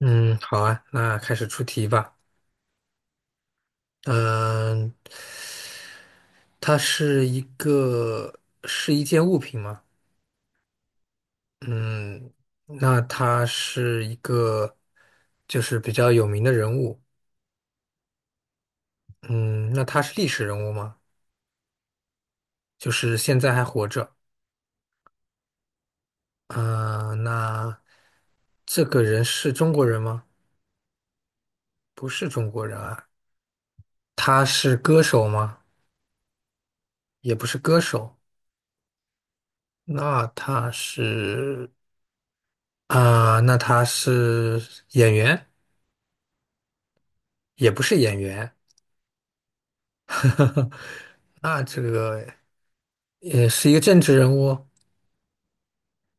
嗯，好啊，那开始出题吧。嗯，它是一个是一件物品吗？嗯，那它是一个就是比较有名的人物。嗯，那他是历史人物吗？就是现在还活着。啊，那这个人是中国人吗？不是中国人啊。他是歌手吗？也不是歌手。那他是那他是演员。也不是演员，那这个也是一个政治人物，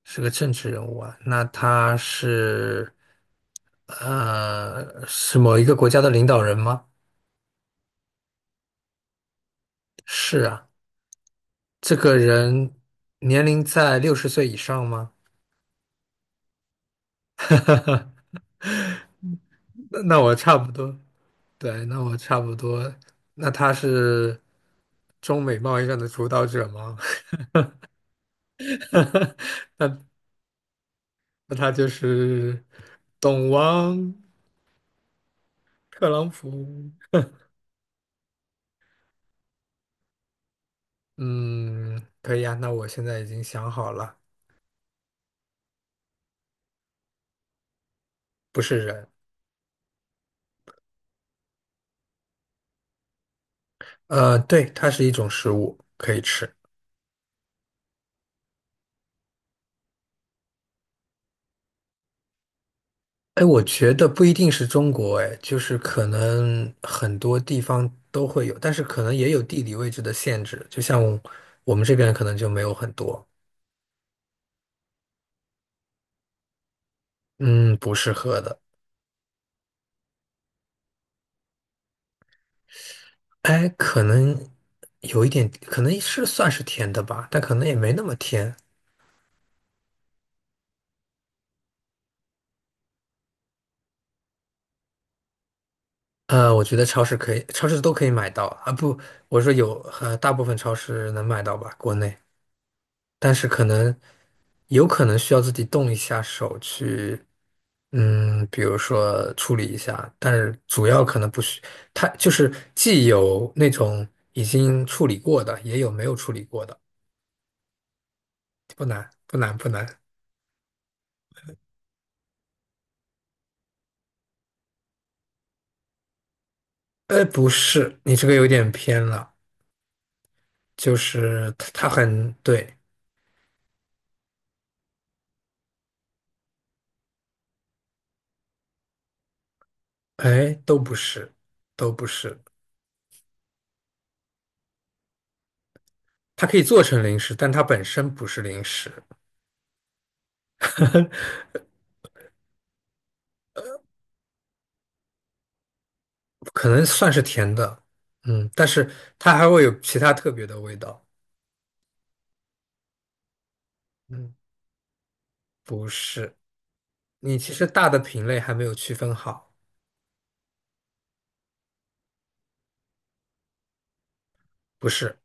是个政治人物啊。那他是某一个国家的领导人吗？是啊，这个人年龄在60岁以上吗？那我差不多，对，那我差不多。那他是中美贸易战的主导者吗？那他就是董王特朗普。嗯，可以啊，那我现在已经想好了，不是人。对，它是一种食物，可以吃。哎，我觉得不一定是中国，哎，就是可能很多地方都会有，但是可能也有地理位置的限制，就像我们这边可能就没有很多。嗯，不适合的。哎，可能有一点，可能是算是甜的吧，但可能也没那么甜。我觉得超市可以，超市都可以买到啊。不，我说有，大部分超市能买到吧，国内。但是有可能需要自己动一下手去，嗯，比如说处理一下，但是主要可能不需，它就是既有那种已经处理过的，也有没有处理过的。不难，不难，不难。不是，你这个有点偏了，就是它很对。哎，都不是，都不是，它可以做成零食，但它本身不是零食。可能算是甜的，嗯，但是它还会有其他特别的味道。嗯，不是，你其实大的品类还没有区分好。不是，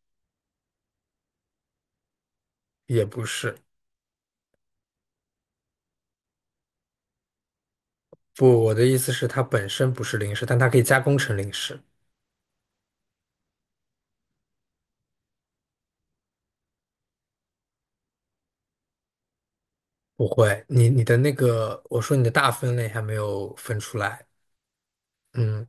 也不是。不，我的意思是它本身不是零食，但它可以加工成零食。不会，你的那个，我说你的大分类还没有分出来，嗯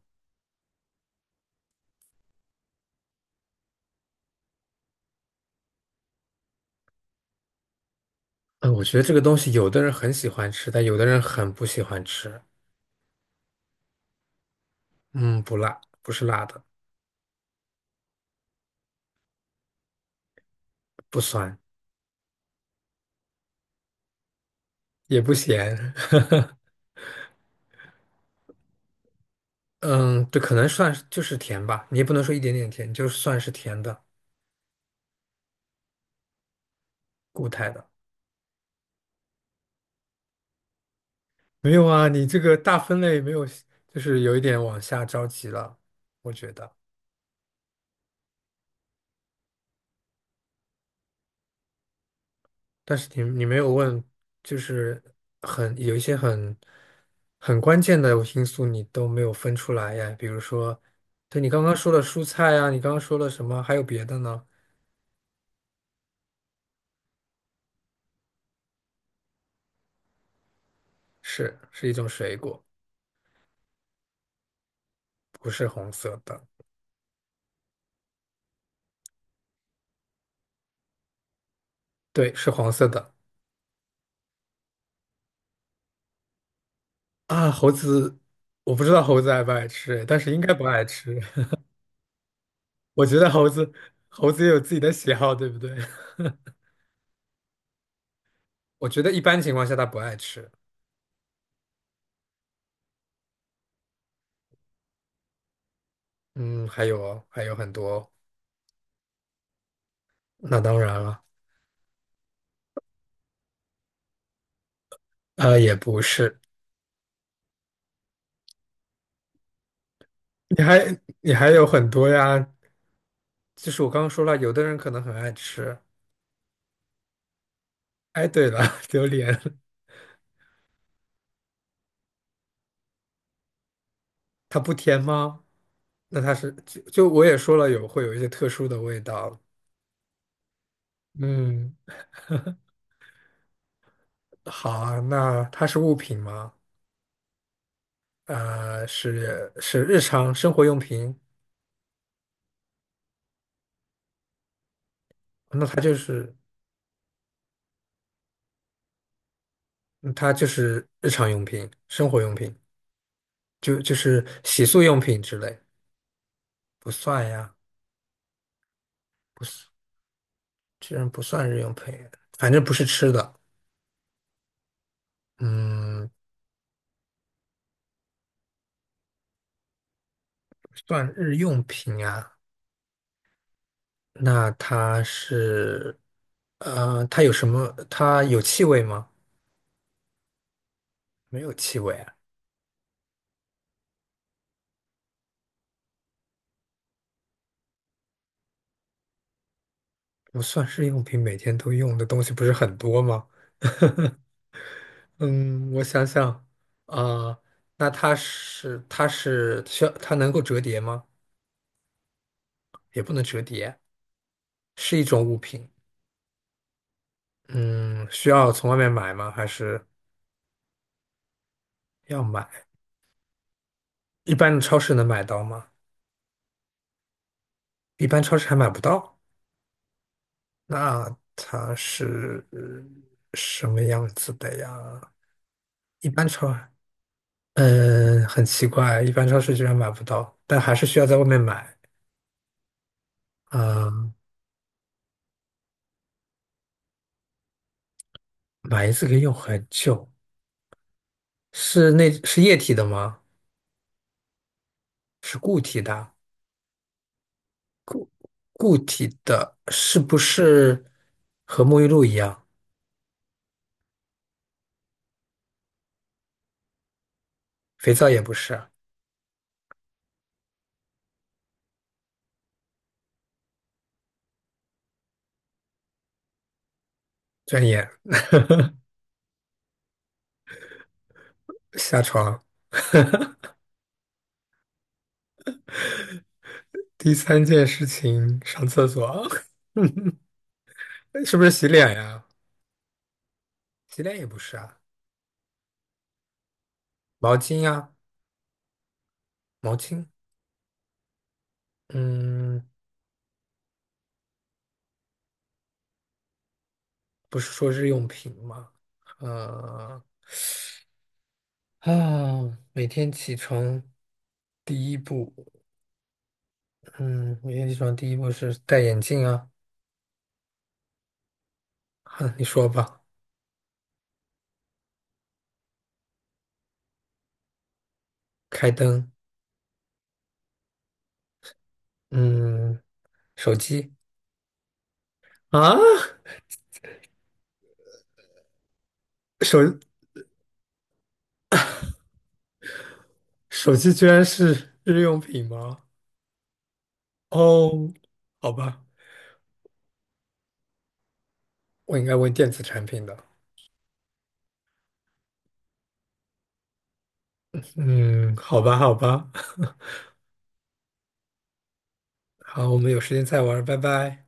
嗯。我觉得这个东西有的人很喜欢吃，但有的人很不喜欢吃。嗯，不辣，不是辣的。不酸，也不咸。嗯，对，可能算是就是甜吧，你也不能说一点点甜，就算是甜的。固态的。没有啊，你这个大分类没有，就是有一点往下着急了，我觉得。但是你没有问，就是很有一些很关键的因素你都没有分出来呀，比如说，对你刚刚说的蔬菜啊，你刚刚说了什么？还有别的呢？是一种水果。不是红色的。对，是黄色的。啊，猴子，我不知道猴子爱不爱吃，但是应该不爱吃。我觉得猴子，猴子也有自己的喜好，对不对？我觉得一般情况下它不爱吃。嗯，还有很多。那当然了。也不是。你还你还有很多呀。就是我刚刚说了，有的人可能很爱吃。哎，对了。榴莲它不甜吗？那它是就我也说了会有一些特殊的味道。嗯，好啊，那它是物品吗？是日常生活用品。那它就是日常用品、生活用品，就是洗漱用品之类。不算呀。不是，居然不算日用品，反正不是吃的。嗯，不算日用品啊，那它是，它有什么？它有气味吗？没有气味啊。不算日用品，每天都用的东西不是很多吗？嗯，我想想，啊、那它是它是需要它能够折叠吗？也不能折叠。是一种物品。嗯，需要从外面买吗？还是要买？一般的超市能买到吗？一般超市还买不到。那什么样子的呀？一般超，嗯，很奇怪，一般超市居然买不到，但还是需要在外面买。嗯，买一次可以用很久。是那是液体的吗？是固体的。固体的是不是和沐浴露一样？肥皂也不是。转眼下床。第三件事情，上厕所。是不是洗脸呀？洗脸也不是啊。毛巾呀，毛巾。嗯，不是说日用品吗？呃，啊，每天起床第一步，嗯，每天起床第一步是戴眼镜啊。哼，你说吧，开灯，嗯。手机。啊，手手机居然是日用品吗？哦，好吧，我应该问电子产品的。嗯，好吧，好吧。好，我们有时间再玩，拜拜。